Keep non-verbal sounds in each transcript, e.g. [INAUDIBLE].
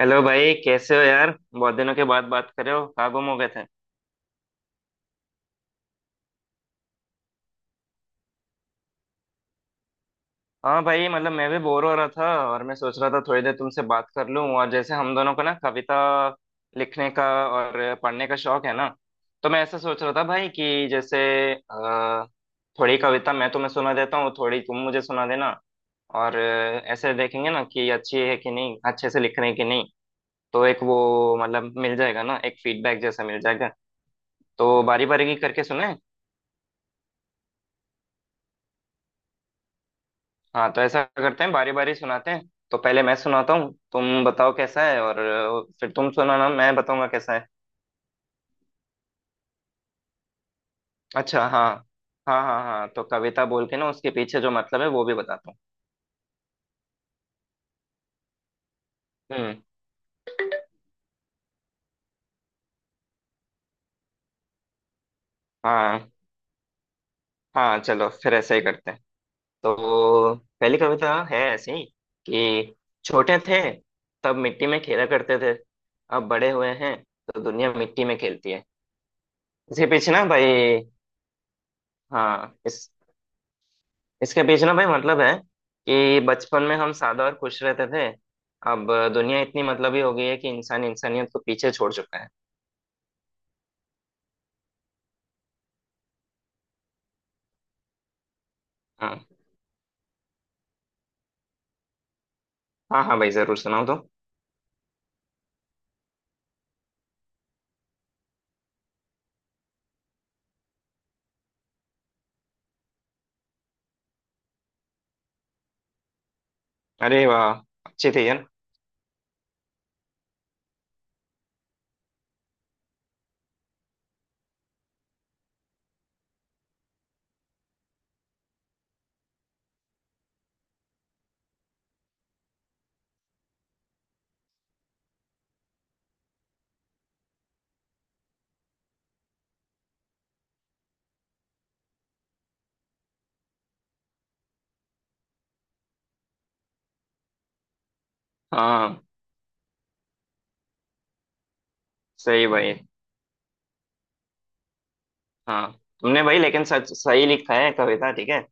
Hello भाई, कैसे हो यार? बहुत दिनों के बाद बात कर रहे हो, कहाँ गुम हो गए थे? हाँ भाई, मतलब मैं भी बोर हो रहा था। और मैं सोच रहा था थोड़ी देर तुमसे बात कर लूँ, और जैसे हम दोनों को ना कविता लिखने का और पढ़ने का शौक है ना, तो मैं ऐसा सोच रहा था भाई कि जैसे अ, थोड़ी कविता मैं तुम्हें सुना देता हूँ, थोड़ी तुम मुझे सुना देना। और ऐसे देखेंगे ना कि अच्छी है कि नहीं, अच्छे से लिख रहे हैं कि नहीं। तो एक वो मतलब मिल जाएगा ना, एक फीडबैक जैसा मिल जाएगा। तो बारी बारी करके सुने। हाँ, तो ऐसा करते हैं, बारी बारी सुनाते हैं। तो पहले मैं सुनाता हूँ, तुम बताओ कैसा है, और फिर तुम सुनाना, मैं बताऊंगा कैसा है। अच्छा। हाँ हाँ हाँ, हाँ तो कविता बोल के ना उसके पीछे जो मतलब है वो भी बताता हूँ। हम्म। हाँ। हाँ चलो फिर ऐसा ही करते हैं। तो पहली कविता है ऐसी कि छोटे थे तब मिट्टी में खेला करते थे, अब बड़े हुए हैं तो दुनिया मिट्टी में खेलती है। इसके पीछे ना भाई, हाँ इस इसके पीछे ना भाई मतलब है कि बचपन में हम सादा और खुश रहते थे। अब दुनिया इतनी मतलबी हो गई है कि इंसान इंसानियत को पीछे छोड़ चुका है। हाँ। हाँ हाँ भाई जरूर सुनाओ तो। अरे वाह, अच्छी थी यार। हाँ। सही भाई। हाँ, तुमने भाई लेकिन सच सही लिखा है कविता, ठीक है।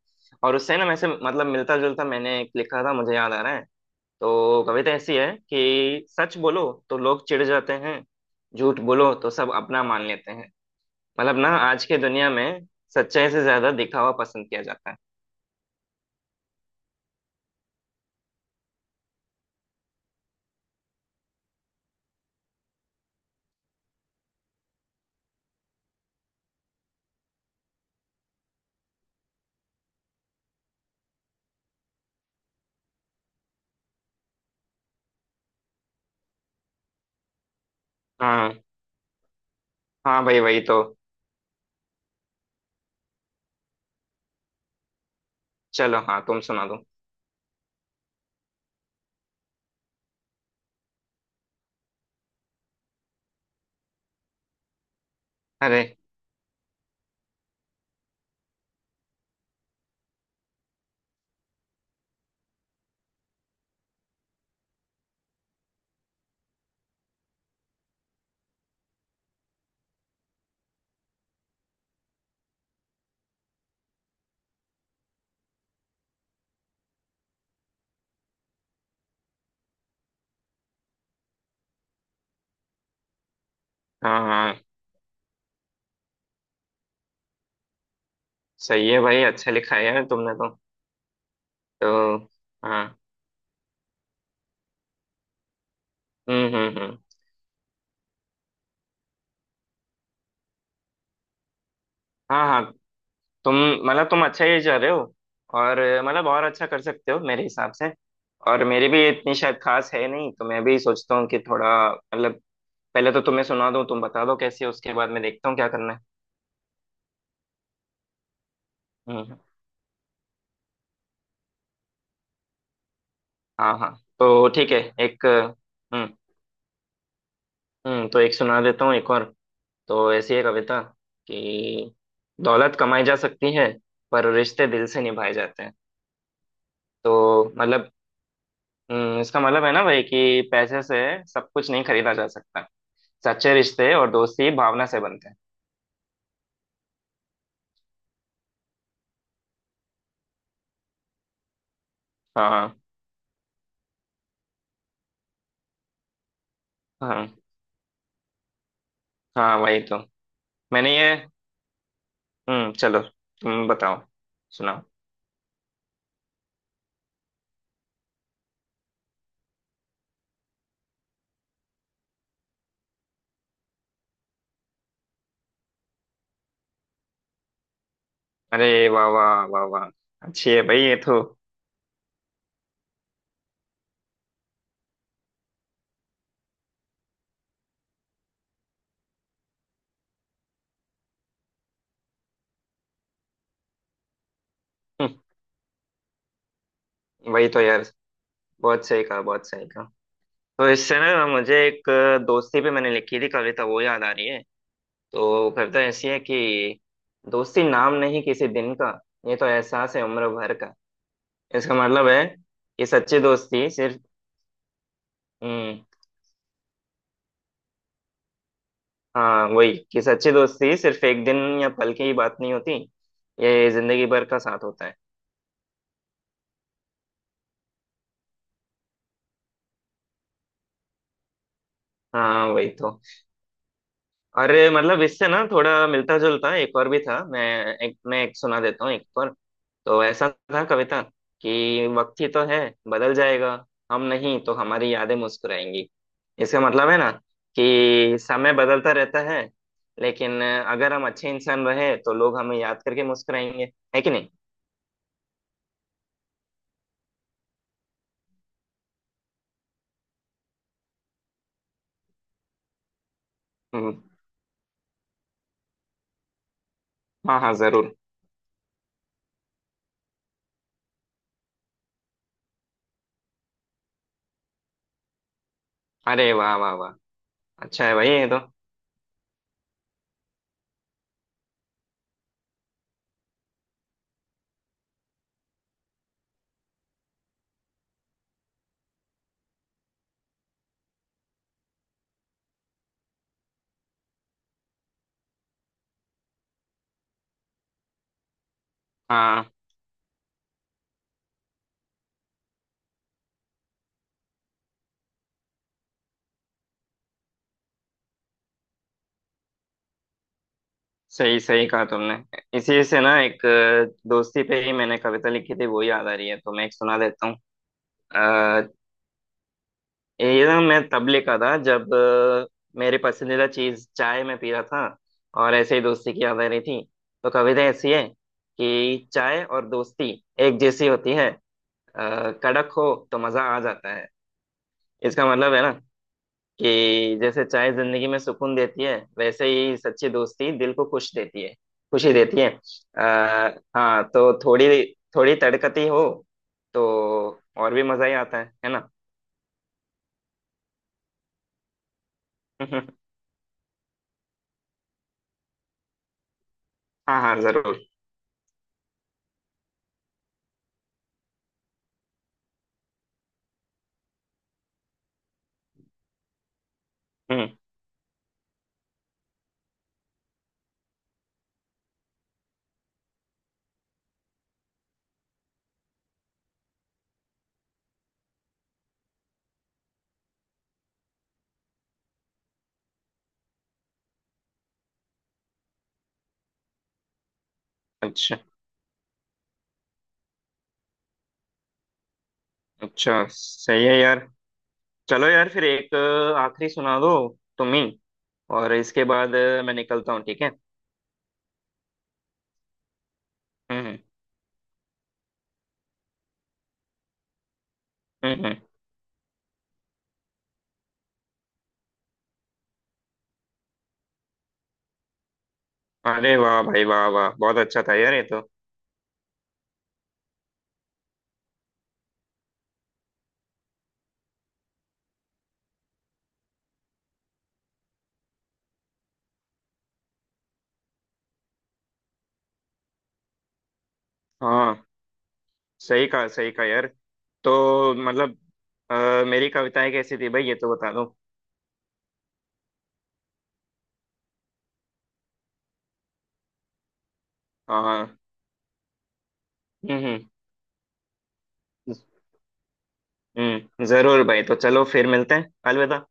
और उससे ना वैसे मतलब मिलता जुलता मैंने एक लिखा था, मुझे याद आ रहा है। तो कविता ऐसी है कि सच बोलो तो लोग चिढ़ जाते हैं, झूठ बोलो तो सब अपना मान लेते हैं। मतलब ना आज की दुनिया में सच्चाई से ज्यादा दिखावा पसंद किया जाता है। हाँ। हाँ भाई वही तो। चलो, हाँ, तुम सुना दो। अरे हाँ हाँ सही है भाई, अच्छा लिखा है यार तुमने तो। हाँ। हम्म। हाँ हाँ, तुम मतलब तुम अच्छा ही जा रहे हो, और मतलब और अच्छा कर सकते हो मेरे हिसाब से। और मेरी भी इतनी शायद खास है नहीं, तो मैं भी सोचता हूँ कि थोड़ा मतलब पहले तो तुम्हें सुना दूँ, तुम बता दो कैसी है, उसके बाद मैं देखता हूँ क्या करना है। हम्म। हाँ हाँ तो ठीक है। एक। हम्म। हम्म, तो एक सुना देता हूँ, एक और। तो ऐसी है कविता कि दौलत कमाई जा सकती है पर रिश्ते दिल से निभाए जाते हैं। तो मतलब, इसका मतलब है ना भाई कि पैसे से सब कुछ नहीं खरीदा जा सकता, सच्चे रिश्ते और दोस्ती भावना से बनते हैं। हाँ हाँ। हाँ, हाँ, वही तो। मैंने ये, हम्म, चलो, तुम बताओ, सुनाओ। अरे वाह वाह वाह वाह, अच्छी है भाई ये तो। [LAUGHS] हम्म, वही तो यार। बहुत सही कहा, बहुत सही कहा। तो इससे ना मुझे एक दोस्ती पे मैंने लिखी थी कविता, वो याद आ रही है। तो वो कविता ऐसी है कि दोस्ती नाम नहीं किसी दिन का, ये तो एहसास है उम्र भर का। इसका मतलब है कि सच्ची दोस्ती सिर्फ। हम्म। हाँ, वही कि सच्ची दोस्ती सिर्फ एक दिन या पल की ही बात नहीं होती, ये जिंदगी भर का साथ होता है। हाँ वही तो। अरे मतलब इससे ना थोड़ा मिलता जुलता एक और भी था मैं। एक मैं एक सुना देता हूँ, एक और। तो ऐसा था कविता कि वक्त ही तो है, बदल जाएगा। हम नहीं तो हमारी यादें मुस्कुराएंगी। इसका मतलब है ना कि समय बदलता रहता है, लेकिन अगर हम अच्छे इंसान रहे तो लोग हमें याद करके मुस्कुराएंगे, है कि नहीं? हम्म, हाँ हाँ जरूर। अरे वाह वाह वाह, अच्छा है भाई ये तो। हाँ सही सही कहा तुमने। इसी से ना एक दोस्ती पे ही मैंने कविता लिखी थी, वो याद आ रही है, तो मैं एक सुना देता हूँ। अ, ये ना मैं तब लिखा था जब मेरी पसंदीदा चीज चाय में पी रहा था, और ऐसे ही दोस्ती की याद आ रही थी। तो कविता ऐसी है कि चाय और दोस्ती एक जैसी होती है। कड़क हो तो मजा आ जाता है। इसका मतलब है कि जैसे चाय जिंदगी में सुकून देती है, वैसे ही सच्ची दोस्ती दिल को खुश देती है, खुशी देती है। आ, हाँ तो थोड़ी थोड़ी तड़कती हो तो और भी मजा ही आता है ना? [LAUGHS] हाँ हाँ जरूर। हम्म। अच्छा अच्छा। सही है यार। चलो यार फिर एक आखिरी सुना दो तुम ही, और इसके बाद मैं निकलता हूँ, ठीक है। हम्म। हम्म। हम्म। अरे वाह भाई, वाह वाह, बहुत अच्छा था यार ये तो। हाँ सही कहा, सही कहा यार। तो मतलब, अ, मेरी कविताएं कैसी थी भाई, ये तो बता दो। हाँ हाँ। हम्म। जरूर भाई। तो चलो फिर मिलते हैं, अलविदा।